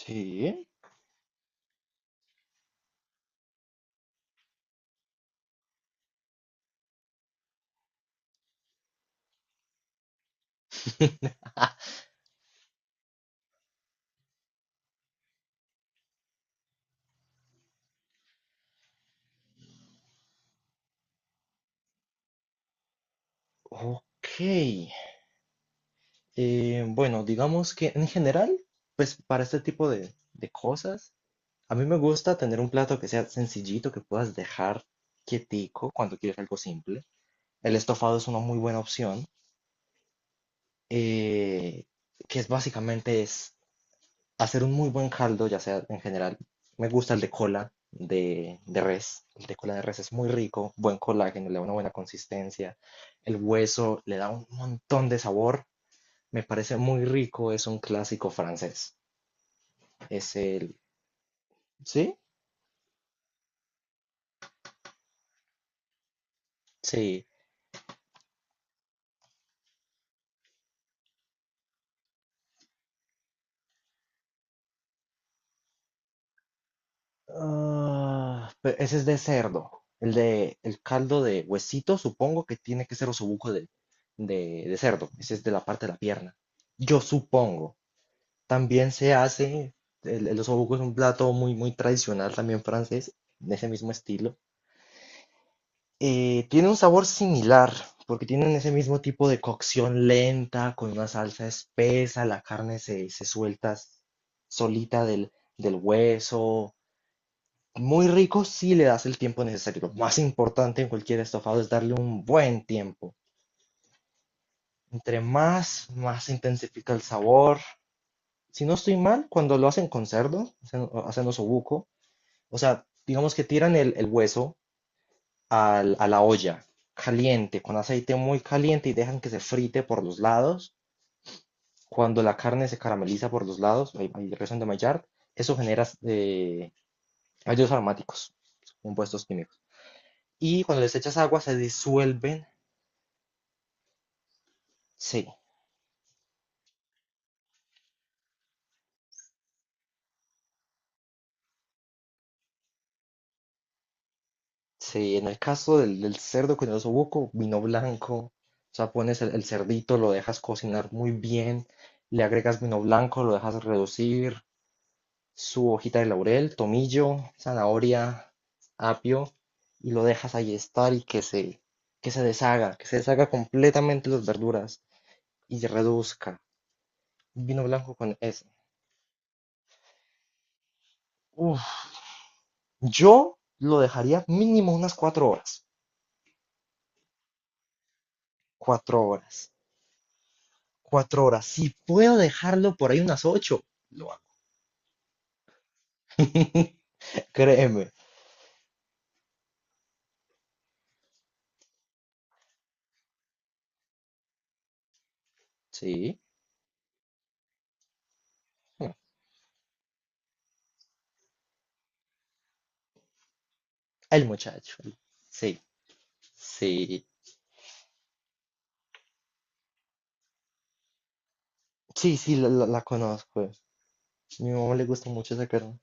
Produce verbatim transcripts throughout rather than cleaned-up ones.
Sí, ok. Eh, bueno, digamos que en general, para este tipo de, de cosas, a mí me gusta tener un plato que sea sencillito, que puedas dejar quietico cuando quieres algo simple. El estofado es una muy buena opción, eh, que es básicamente es hacer un muy buen caldo, ya sea en general, me gusta el de cola de, de res. El de cola de res es muy rico, buen colágeno, le da una buena consistencia. El hueso le da un montón de sabor. Me parece muy rico, es un clásico francés. Es el, ¿sí? Sí. Ah, pe- ese es de cerdo. El de el caldo de huesito, supongo que tiene que ser osobuco de, de, de cerdo. Ese es de la parte de la pierna. Yo supongo. También se hace, el, el osobuco es un plato muy, muy tradicional también francés, de ese mismo estilo. Eh, tiene un sabor similar, porque tienen ese mismo tipo de cocción lenta, con una salsa espesa, la carne se, se suelta solita del, del hueso. Muy rico si le das el tiempo necesario. Lo más importante en cualquier estofado es darle un buen tiempo. Entre más, más se intensifica el sabor. Si no estoy mal, cuando lo hacen con cerdo, hacen, hacen osobuco, o sea, digamos que tiran el, el hueso al- a la olla caliente, con aceite muy caliente y dejan que se frite por los lados. Cuando la carne se carameliza por los lados, ahí, ahí resuena de Maillard, eso genera eh, ácidos aromáticos, compuestos químicos. Y cuando les echas agua se disuelven. Sí, sí, en el caso del, del cerdo con el osobuco vino blanco. O sea, pones el, el cerdito, lo dejas cocinar muy bien, le agregas vino blanco, lo dejas reducir, su hojita de laurel, tomillo, zanahoria, apio, y lo dejas ahí estar y que se, que se deshaga, que se deshaga completamente las verduras y reduzca. Vino blanco con eso. Uf, yo lo dejaría mínimo unas cuatro horas. Cuatro horas. Cuatro horas. Si puedo dejarlo por ahí unas ocho, lo hago. Créeme. Sí. El muchacho. Sí, sí. Sí, sí, la, la- la conozco. A mi mamá le gusta mucho esa carne.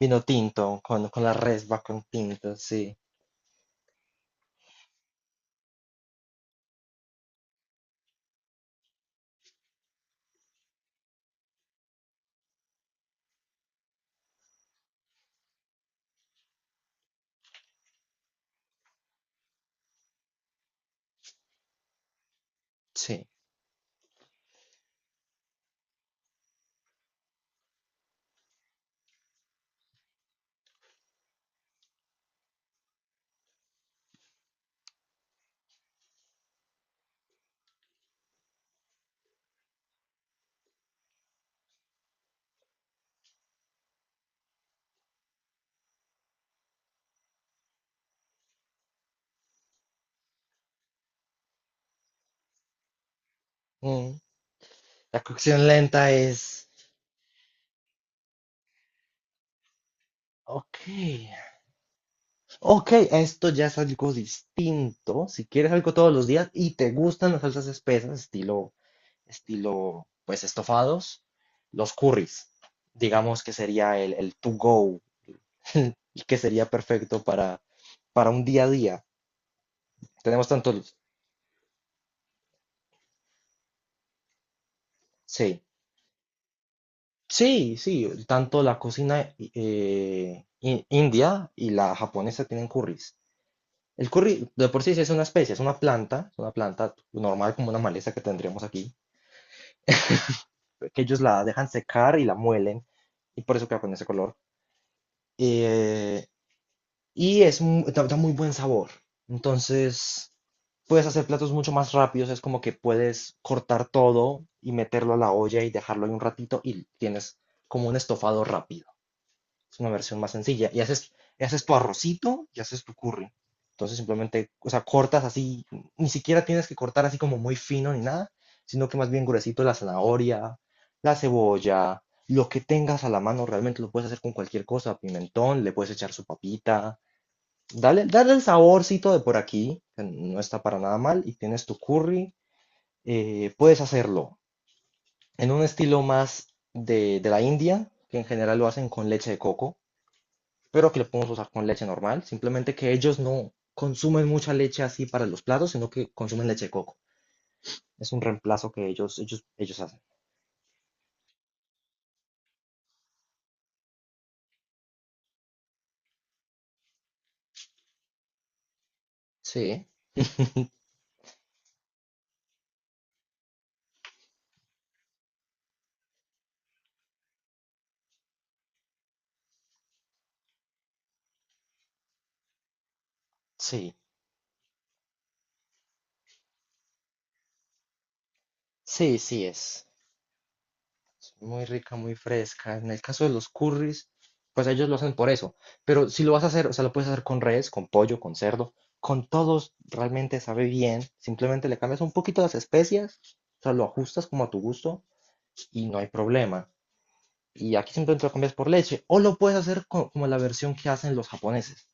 Vino tinto con, con la resba con tinto, sí, sí. Mm. La cocción lenta es... Ok, ok, esto ya es algo distinto. Si quieres algo todos los días y te gustan las salsas espesas, estilo, estilo, pues estofados, los curries, digamos que sería el, el to go, y que sería perfecto para, para un día a día. Tenemos tantos, sí, Sí, sí, tanto la cocina eh, in- india y la japonesa tienen curries. El curry de por sí sí es una especie, es una planta, es una planta normal como una maleza que tendríamos aquí, que ellos la dejan secar y la muelen, y por eso queda con ese color. Eh, y es mu- da, da muy buen sabor. Entonces, puedes hacer platos mucho más rápidos, es como que puedes cortar todo y meterlo a la olla y dejarlo ahí un ratito y tienes como un estofado rápido. Es una versión más sencilla. Y haces, y haces tu arrocito y haces tu curry. Entonces simplemente, o sea, cortas así, ni siquiera tienes que cortar así como muy fino ni nada, sino que más bien gruesito la zanahoria, la cebolla, lo que tengas a la mano, realmente lo puedes hacer con cualquier cosa, pimentón, le puedes echar su papita, dale, dale el saborcito de por aquí, que no está para nada mal, y tienes tu curry, eh, puedes hacerlo en un estilo más de, de la India, que en general lo hacen con leche de coco, pero que lo podemos usar con leche normal. Simplemente que ellos no consumen mucha leche así para los platos, sino que consumen leche de coco. Es un reemplazo que ellos, ellos, ellos hacen. Sí, sí, sí, sí, es es muy rica, muy fresca. En el caso de los curries, pues ellos lo hacen por eso. Pero si lo vas a hacer, o sea, lo puedes hacer con res, con pollo, con cerdo, con todos, realmente sabe bien. Simplemente le cambias un poquito las especias, o sea, lo ajustas como a tu gusto y no hay problema. Y aquí simplemente lo cambias por leche. O lo puedes hacer co- como la versión que hacen los japoneses,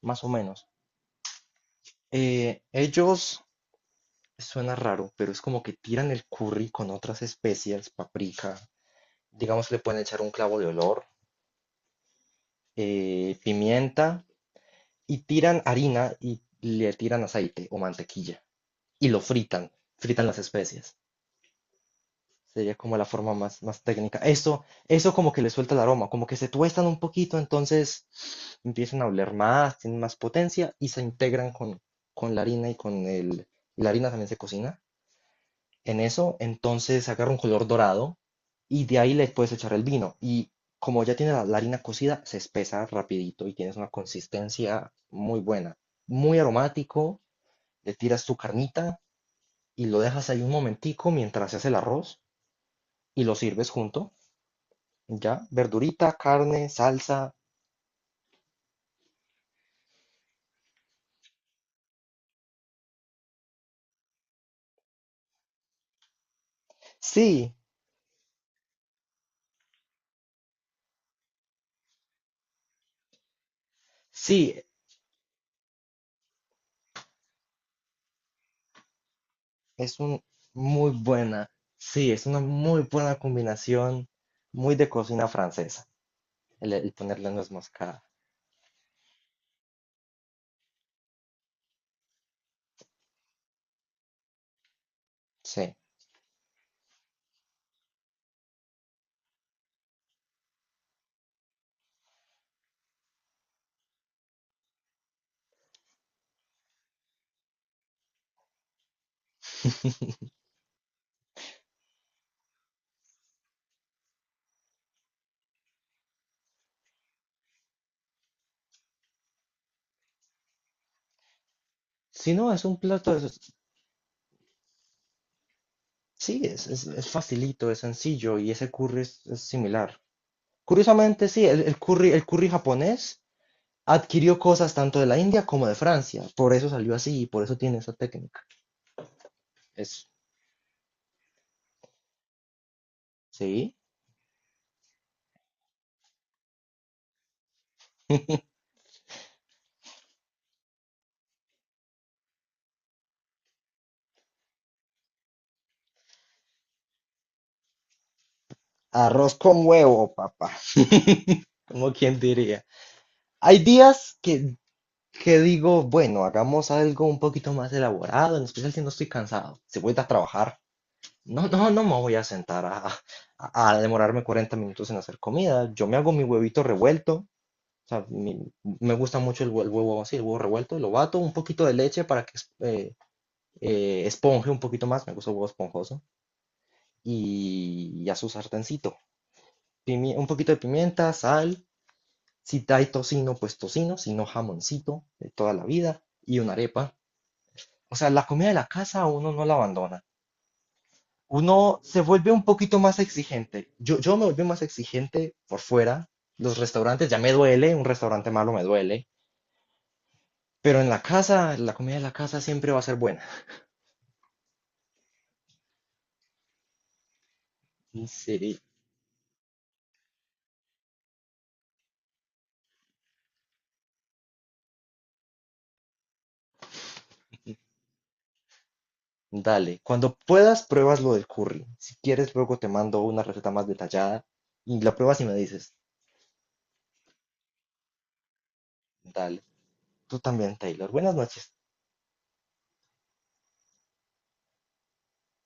más o menos. Eh, ellos, suena raro, pero es como que tiran el curry con otras especias, paprika, digamos le pueden echar un clavo de olor, eh, pimienta, y tiran harina y le tiran aceite o mantequilla y lo fritan, fritan las especias. Sería como la forma más, más técnica. Eso, eso como que le suelta el aroma, como que se tuestan un poquito, entonces empiezan a oler más, tienen más potencia y se integran con, con la harina y con el... y la harina también se cocina. En eso, entonces agarra un color dorado y de ahí le puedes echar el vino. Y como ya tiene la, la harina cocida, se espesa rapidito y tienes una consistencia muy buena. Muy aromático, le tiras tu carnita y lo dejas ahí un momentico mientras se hace el arroz y lo sirves junto. Ya, verdurita, carne, salsa. Sí, sí, es un muy buena, sí, es una muy buena combinación, muy de cocina francesa, el, el ponerle nuez moscada. Sí. Si no, es un plato, de esos- sí, es, es, es facilito, es sencillo y ese curry es, es similar. Curiosamente, sí, el, el curry, el curry japonés adquirió cosas tanto de la India como de Francia, por eso salió así y por eso tiene esa técnica. Es, sí. Arroz con huevo, papá. Como quien diría. Hay días que, que digo, bueno, hagamos algo un poquito más elaborado, en especial si no estoy cansado. Si voy a trabajar, no, no, no me voy a sentar a, a- a demorarme cuarenta minutos en hacer comida. Yo me hago mi huevito revuelto. O sea, mi- me gusta mucho el, hue- el huevo así, el huevo revuelto. Lo bato, un poquito de leche para que es- eh, eh, esponje un poquito más. Me gusta el huevo esponjoso. Y, y a su sartencito. Pimi- un poquito de pimienta, sal. Si hay tocino, pues tocino, si no jamoncito de toda la vida y una arepa. O sea, la comida de la casa uno no la abandona. Uno se vuelve un poquito más exigente. Yo, yo me volví más exigente por fuera. Los restaurantes ya me duele, un restaurante malo me duele. Pero en la casa, la comida de la casa siempre va a ser buena. Sí, dale. Cuando puedas, pruebas lo del curry. Si quieres, luego te mando una receta más detallada y la pruebas y me dices. Dale. Tú también, Taylor. Buenas noches.